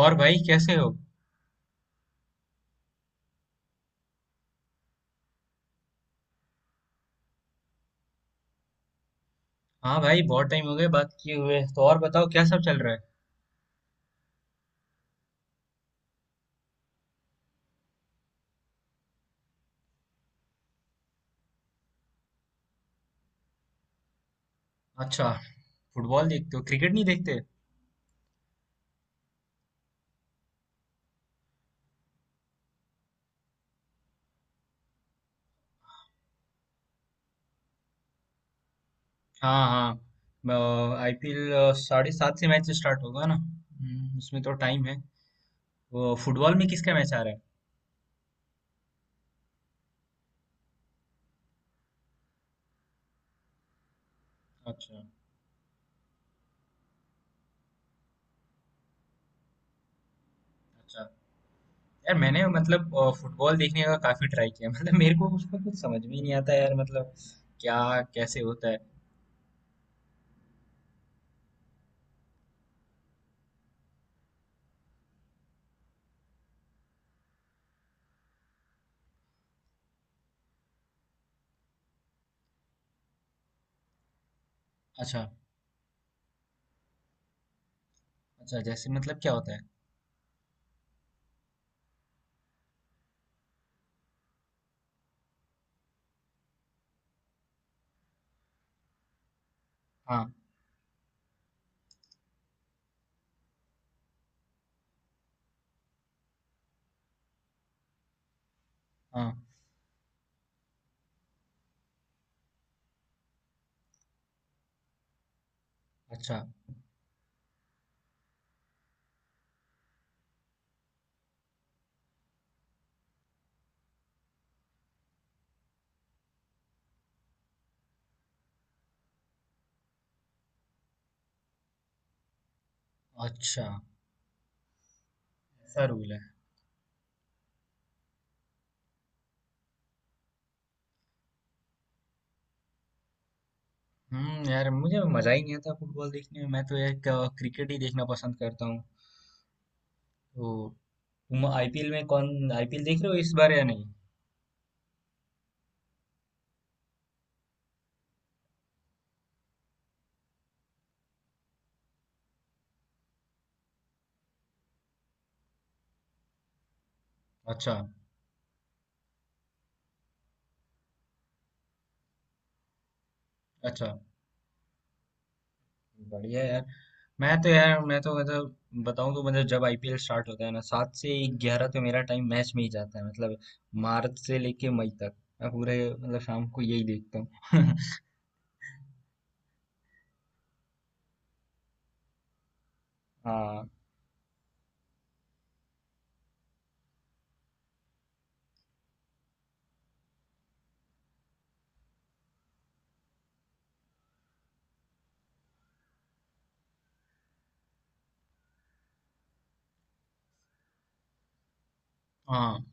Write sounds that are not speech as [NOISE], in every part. और भाई कैसे हो? हाँ भाई, बहुत टाइम हो गए बात किए हुए। तो और बताओ, क्या सब चल रहा है? अच्छा। फुटबॉल देखते हो, क्रिकेट नहीं देखते? हाँ हाँ, आईपीएल। 7:30 से मैच स्टार्ट होगा ना, उसमें तो टाइम है। वो फुटबॉल में किसका मैच आ रहा है? अच्छा। अच्छा यार, मैंने मतलब फुटबॉल देखने का काफी ट्राई किया [LAUGHS] मतलब मेरे को उसका कुछ समझ में ही नहीं आता यार, मतलब। क्या? कैसे होता है? अच्छा। अच्छा, जैसे मतलब क्या होता है? हाँ। हाँ। अच्छा। अच्छा, ऐसा रूल है? यार, मुझे मजा ही नहीं आता फुटबॉल देखने में। मैं तो यार क्रिकेट ही देखना पसंद करता हूँ। तो तुम आईपीएल में, कौन आईपीएल देख रहे हो इस बार या नहीं? अच्छा। अच्छा, बढ़िया यार। मैं तो यार, मैं तो मतलब, बताऊं तो मतलब, जब आईपीएल स्टार्ट होता है ना, 7 से 11 तो मेरा टाइम मैच में ही जाता है मतलब। मार्च से लेके मई तक मैं पूरे मतलब शाम को यही देखता हूँ। [LAUGHS] हाँ। हाँ।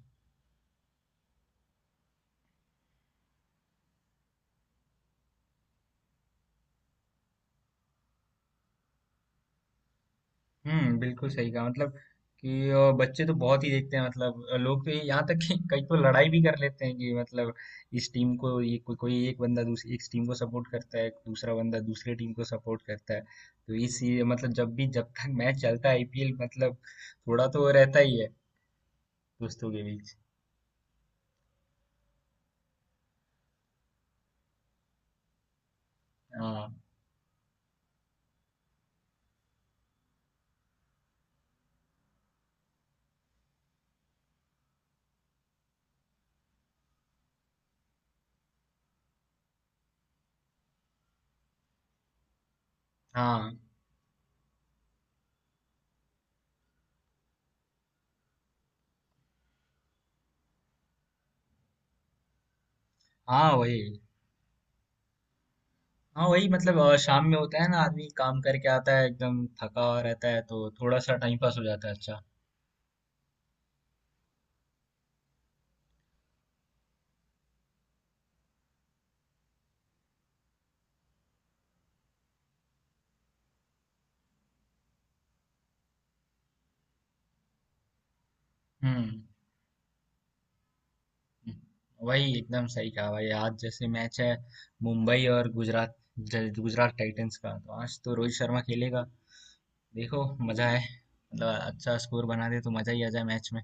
हुँ, बिल्कुल सही कहा मतलब, कि बच्चे तो बहुत ही देखते हैं, मतलब लोग तो ये, यहाँ तक कि [LAUGHS] कई तो लड़ाई भी कर लेते हैं कि मतलब, इस टीम को कोई एक बंदा दूसरी इस टीम को सपोर्ट करता है, दूसरा बंदा दूसरे टीम को सपोर्ट करता है। तो इस ये मतलब, जब भी जब तक [LAUGHS] मैच चलता है आईपीएल, मतलब थोड़ा तो रहता ही है दोस्तों के बीच। हाँ। हाँ। हाँ, वही। हाँ वही मतलब, शाम में होता है ना, आदमी काम करके आता है एकदम थका हुआ रहता है तो थोड़ा सा टाइम पास हो जाता है, अच्छा। हुँ। वही एकदम सही कहा भाई, आज जैसे मैच है मुंबई और गुजरात, गुजरात टाइटंस का, तो आज तो रोहित शर्मा खेलेगा। देखो, मजा है मतलब, अच्छा स्कोर बना दे तो मजा ही आ जाए मैच में।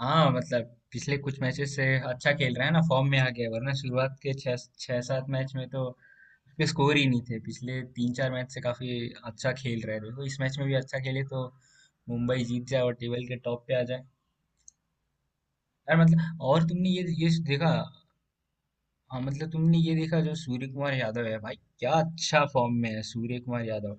हाँ मतलब, पिछले कुछ मैचेस से अच्छा खेल रहा है ना, फॉर्म में आ गया है। वरना शुरुआत के छह छह सात मैच में तो उसके स्कोर ही नहीं थे, पिछले तीन चार मैच से काफी अच्छा खेल रहे थे। देखो इस मैच में भी अच्छा खेले तो मुंबई जीत जाए और टेबल के टॉप पे आ जाए। यार मतलब, और तुमने ये देखा? हाँ मतलब, तुमने ये देखा जो सूर्य कुमार यादव है भाई, क्या अच्छा फॉर्म में है सूर्य कुमार यादव।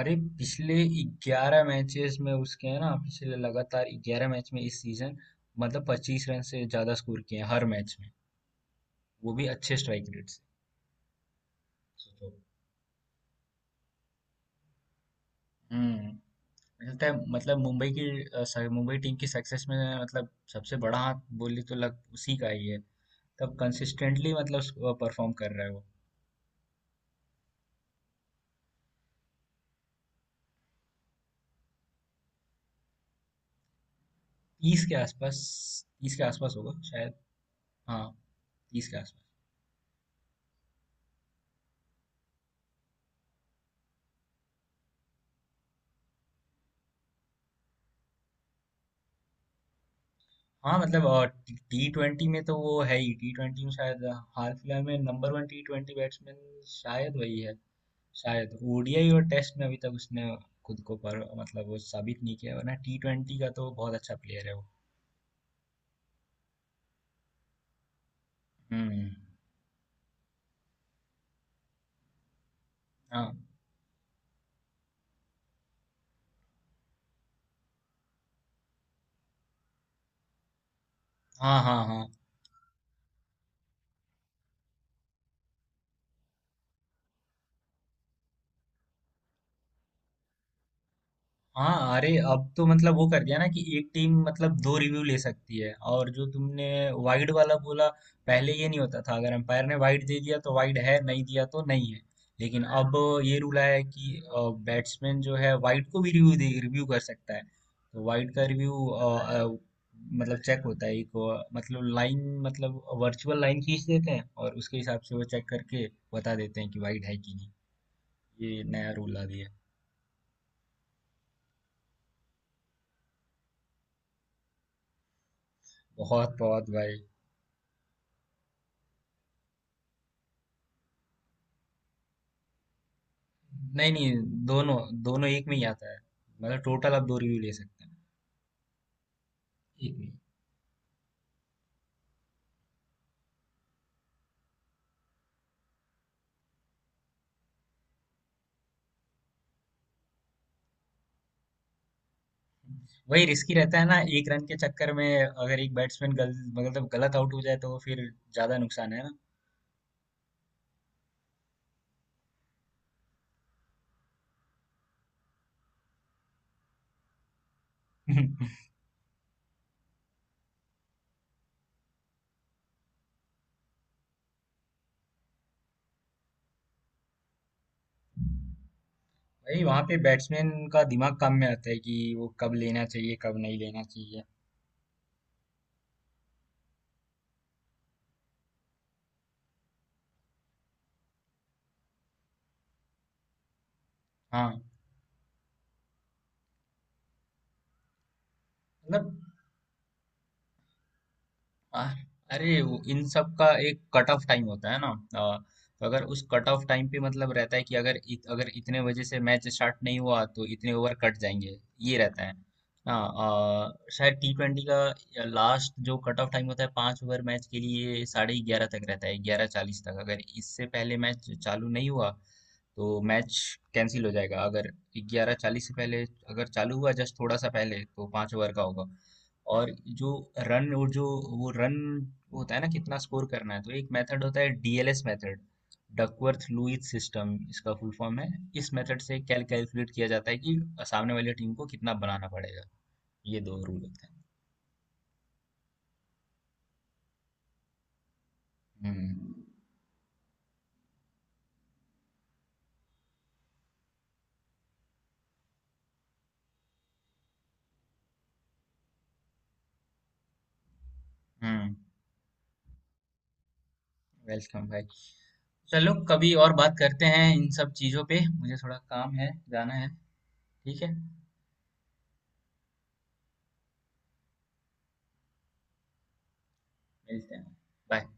अरे, पिछले 11 मैचेस में, उसके है ना, पिछले लगातार 11 मैच में इस सीजन मतलब 25 रन से ज्यादा स्कोर किए हैं हर मैच में। वो भी अच्छे स्ट्राइक रेट से। सोचो। हम्म। मुझे लगता है मतलब मुंबई की मुंबई टीम की सक्सेस में, मतलब सबसे बड़ा हाथ बोली तो लग उसी का ही है। तब कंसिस्टेंटली मतलब परफॉर्म कर रहा है वो। तीस के आसपास। तीस के आसपास होगा शायद। हाँ, 30 के आसपास। हाँ मतलब, टी ट्वेंटी में तो वो है ही, टी ट्वेंटी में शायद हाल फिलहाल में number one T twenty batsman शायद वही है। शायद। ओडीआई और टेस्ट में अभी तक उसने खुद को, पर मतलब वो साबित नहीं किया। वरना टी ट्वेंटी का तो बहुत अच्छा प्लेयर है वो। हम्म। हाँ। हाँ हाँ हाँ। हाँ अरे अब तो मतलब वो कर दिया ना, कि एक टीम मतलब 2 रिव्यू ले सकती है। और जो तुमने वाइड वाला बोला, पहले ये नहीं होता था। अगर अंपायर ने वाइड दे दिया तो वाइड है, नहीं दिया तो नहीं है। लेकिन अब ये रूल आया है कि बैट्समैन जो है, वाइड को भी रिव्यू दे रिव्यू कर सकता है। तो वाइड का रिव्यू मतलब चेक होता है, एक मतलब लाइन, मतलब वर्चुअल लाइन खींच देते हैं और उसके हिसाब से वो चेक करके बता देते हैं कि वाइड है कि नहीं। ये नया रूल आ दिया है। बहुत बहुत भाई। नहीं, नहीं, दोनों दोनों एक में ही आता है। मतलब टोटल आप 2 रिव्यू ले सकते हैं, एक में ही। वही रिस्की रहता है ना, एक रन के चक्कर में अगर एक बैट्समैन गल मतलब गलत आउट हो जाए तो फिर ज़्यादा नुकसान है ना। [LAUGHS] वही वहाँ पे बैट्समैन का दिमाग काम में आता है कि वो कब लेना चाहिए, कब नहीं लेना चाहिए। हाँ, मतलब आ- अरे, वो इन सब का एक कट ऑफ टाइम होता है ना। तो अगर उस कट ऑफ टाइम पे मतलब रहता है कि अगर इतने बजे से मैच स्टार्ट नहीं हुआ तो इतने ओवर कट जाएंगे, ये रहता है ना। शायद टी ट्वेंटी का लास्ट जो कट ऑफ टाइम होता है 5 ओवर मैच के लिए, 11:30 तक रहता है, 11:40 तक। अगर इससे पहले मैच चालू नहीं हुआ तो मैच कैंसिल हो जाएगा। अगर 11:40 से पहले, अगर चालू हुआ जस्ट थोड़ा सा पहले, तो 5 ओवर का होगा। और जो रन, और जो वो रन होता है ना, कितना स्कोर करना है, तो एक मेथड होता है, DLS method. Duckworth Lewis system इसका फुल फॉर्म है। इस मेथड से कैलकुलेट किया जाता है कि सामने वाली टीम को कितना बनाना पड़ेगा। ये 2 रूल होते हैं। हम्म। हम्म। वेलकम भाई। चलो, कभी और बात करते हैं इन सब चीजों पे। मुझे थोड़ा काम है, जाना है। ठीक है। मिलते हैं। बाय।